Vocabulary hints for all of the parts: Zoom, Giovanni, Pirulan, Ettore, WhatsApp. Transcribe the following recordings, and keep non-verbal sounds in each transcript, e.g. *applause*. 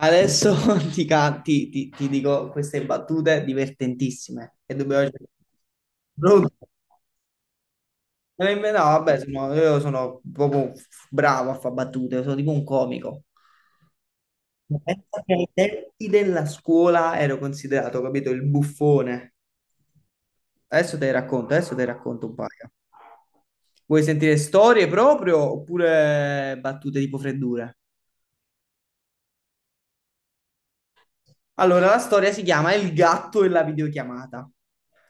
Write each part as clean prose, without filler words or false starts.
Adesso *laughs* ti, ca- ti- ti- ti dico queste battute divertentissime e dobbiamo... Pronto? No, no, vabbè, io sono proprio bravo a fare battute, sono tipo un comico. Pensa che ai tempi della scuola ero considerato, capito, il buffone. Adesso te ne racconto, adesso te ne racconto un paio. Vuoi sentire storie proprio oppure battute tipo freddure? Allora, la storia si chiama Il gatto e la videochiamata.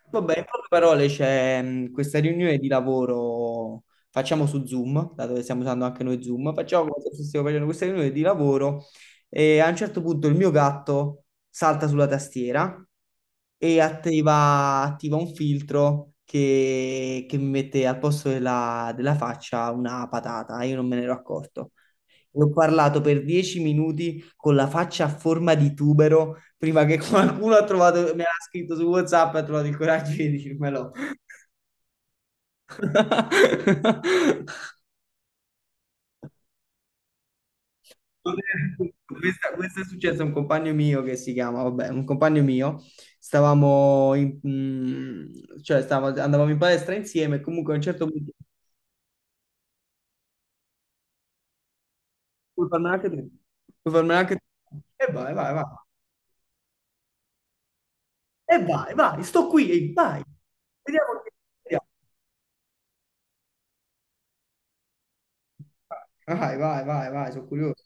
Vabbè, in poche parole c'è questa riunione di lavoro, facciamo su Zoom, dato che stiamo usando anche noi Zoom, facciamo come se stessimo facendo questa riunione di lavoro e a un certo punto il mio gatto salta sulla tastiera e attiva un filtro che mi mette al posto della faccia una patata, io non me ne ero accorto. E ho parlato per 10 minuti con la faccia a forma di tubero prima che *laughs* qualcuno ha trovato, me l'ha scritto su WhatsApp e ha trovato il coraggio di dirmelo. *laughs* Questo è successo a un compagno mio che si chiama, vabbè, un compagno mio, stavamo in, mm, cioè stavamo- andavamo in palestra insieme, comunque a un certo punto, puoi farmela anche tu, puoi farmela anche tu, e vai, vai, vai, e vai, vai, sto qui, e vai, vediamo che, vediamo. Vai, vai, vai, vai, sono curioso,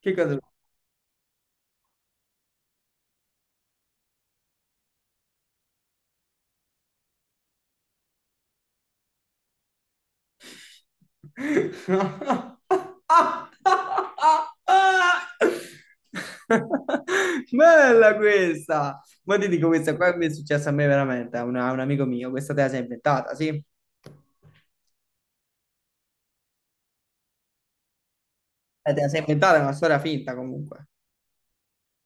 che cosa... *laughs* Bella questa! Ma ti dico questa qua mi è successa a me veramente, a un amico mio, questa te la sei inventata, sì? Te la sei inventata, è una storia finta comunque.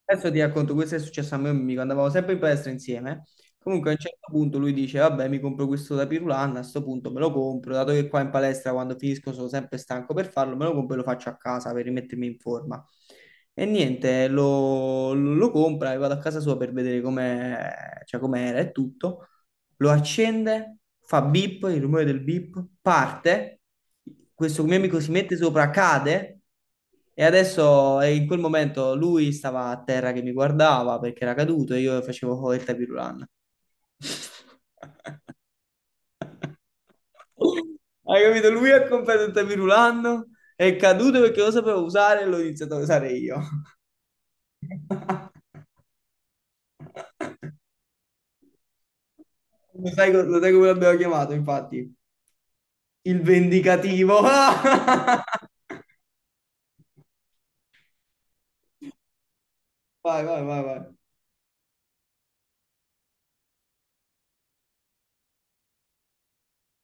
Adesso ti racconto, questo è successo a me e a un mio amico, andavamo sempre in palestra insieme. Comunque a un certo punto lui dice, vabbè, mi compro questo da Pirulan, a sto punto me lo compro, dato che qua in palestra quando finisco sono sempre stanco per farlo, me lo compro e lo faccio a casa per rimettermi in forma. E niente, lo compra e vado a casa sua per vedere com'è, cioè com'era e tutto lo accende, fa beep, il rumore del beep, parte, questo mio amico si mette sopra, cade e adesso e in quel momento lui stava a terra che mi guardava perché era caduto e io facevo oh, il tapirulan. *laughs* Hai capito? Lui ha comprato il tapirulan, è caduto perché lo sapevo usare e l'ho iniziato a usare io. *laughs* Lo sai, lo sai come l'abbiamo chiamato, infatti? Il vendicativo. *laughs* Vai, vai, vai, vai.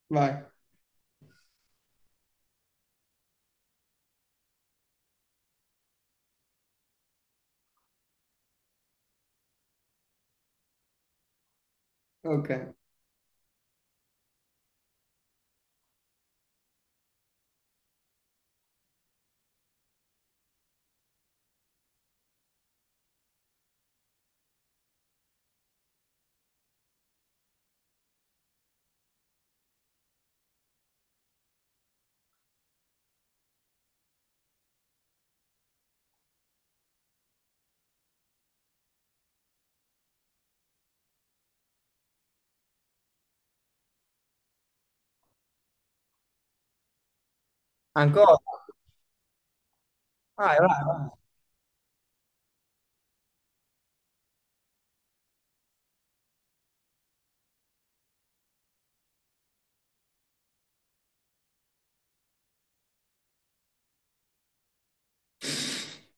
Vai. Ok. Ancora? Vai, vai, vai.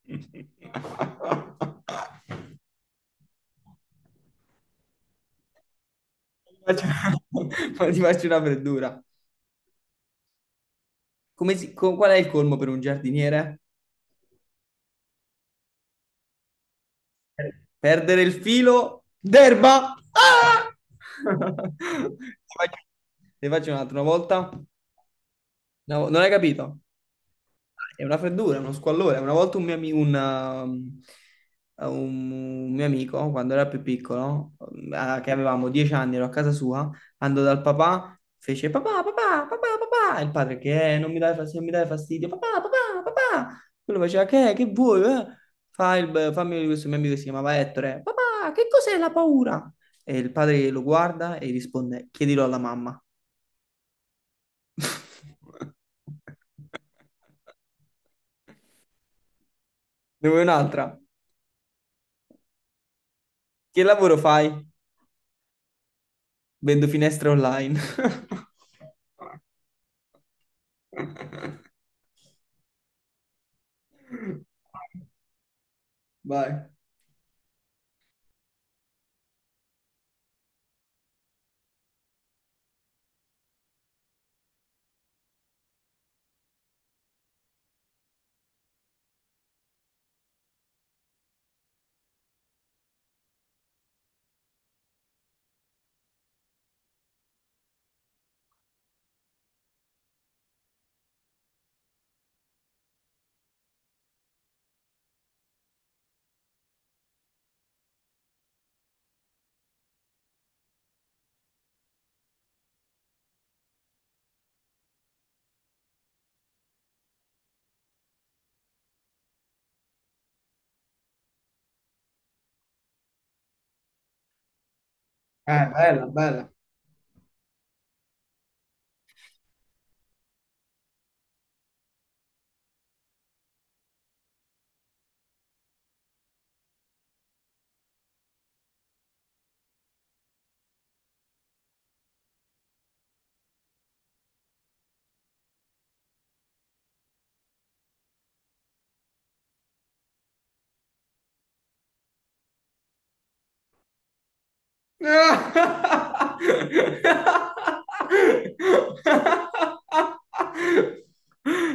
*laughs* Faccio- *laughs* Ma ti faccio una freddura. Qual è il colmo per un giardiniere? Perdere il filo d'erba. Ah! *laughs* Ti faccio, ti faccio un'altra volta. No, non hai capito? È una freddura, uno squallore. Una volta un mio, ami- un, um, un un mio amico, quando era più piccolo, che avevamo 10 anni, ero a casa sua, andò dal papà, fece papà, papà, papà, papà. E il padre che non mi dai fastidio, non mi dai fastidio, papà, papà, papà. Quello faceva che vuoi? Eh?" Fammi questo mio amico che si chiamava Ettore. Papà, che cos'è la paura? E il padre lo guarda e risponde, chiedilo alla mamma. *laughs* Ne vuoi un'altra? Che lavoro fai? Vendo finestre online. *laughs* Vai. Bella, bella.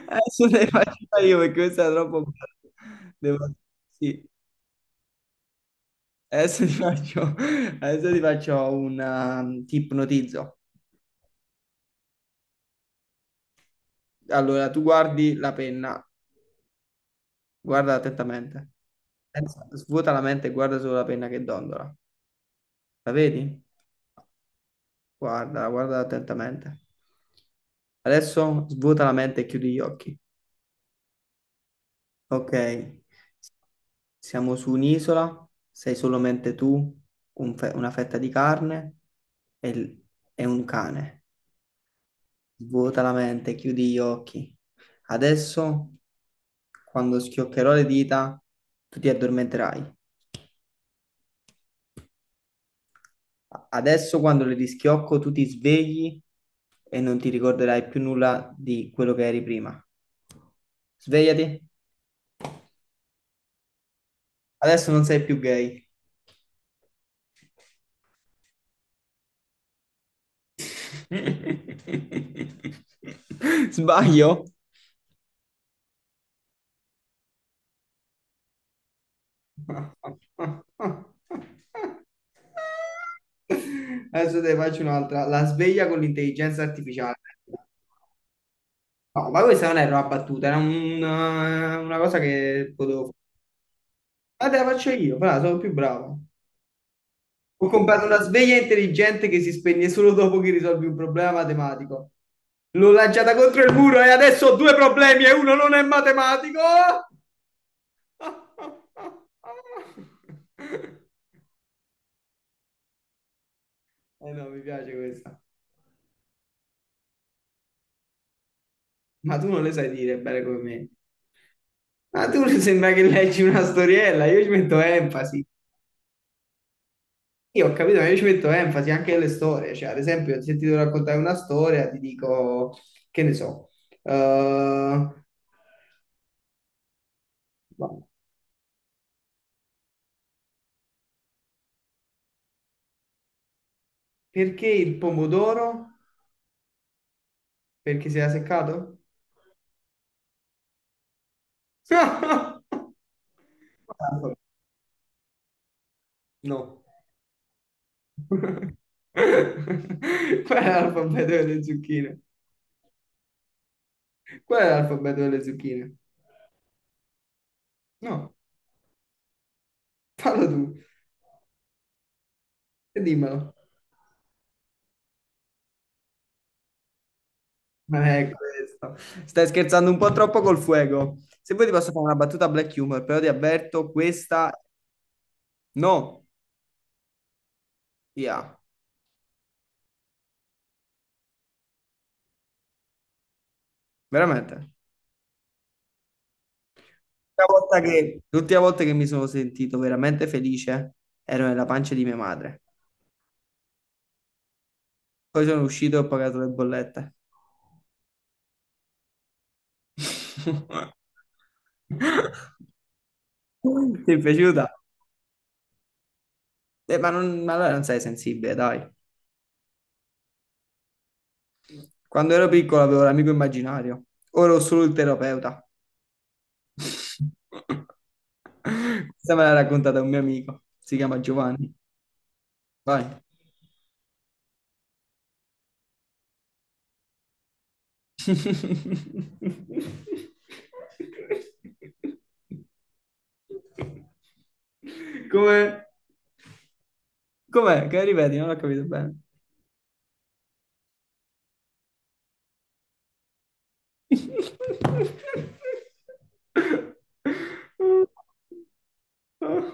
Adesso ne faccio io perché questa è troppo bella. Devo- Sì, adesso ti faccio, adesso ti faccio ti ipnotizzo. Allora, tu guardi la penna. Guarda attentamente. Svuota la mente e guarda solo la penna che dondola. La vedi? Guarda, guarda attentamente. Adesso svuota la mente e chiudi gli occhi. Ok, siamo su un'isola, sei solamente tu, una fetta di carne e, l- e un cane. Svuota la mente, chiudi gli occhi. Adesso, quando schioccherò le dita, tu ti addormenterai. Adesso quando le rischiocco tu ti svegli e non ti ricorderai più nulla di quello che eri prima. Svegliati, adesso non sei più gay. *laughs* Sbaglio? Adesso te ne faccio un'altra. La sveglia con l'intelligenza artificiale. No, ma questa non era una battuta, era una cosa che potevo fare. Ma te la faccio io, però sono più bravo. Ho comprato una sveglia intelligente che si spegne solo dopo che risolvi un problema matematico. L'ho lanciata contro il muro e adesso ho due problemi e uno non è matematico. *laughs* Eh no, mi piace questa. Ma tu non le sai dire bene come me. Ma tu sembra che leggi una storiella, io ci metto enfasi. Io ho capito, ma io ci metto enfasi anche nelle storie. Cioè, ad esempio, se ti devo raccontare una storia, ti dico, che ne so, eh, boh, perché il pomodoro? Perché si era seccato? *laughs* No. *laughs* Qual è l'alfabeto delle zucchine? Qual è l'alfabeto delle zucchine? No, fallo tu e dimmelo. Ma è questo. Stai scherzando un po' troppo col fuoco. Se vuoi ti posso fare una battuta black humor, però ti avverto, questa no, via. Veramente. L'ultima volta che mi sono sentito veramente felice ero nella pancia di mia madre. Poi sono uscito e ho pagato le bollette. *laughs* Ti è piaciuta? Ma, non, ma allora non sei sensibile, dai. Quando ero piccolo avevo l'amico immaginario, ora ho solo il terapeuta. *laughs* Questa me l'ha raccontata un mio amico, si chiama Giovanni. Vai. *laughs* Come? Com'è? Che ripeti? Non l'ho capito bene.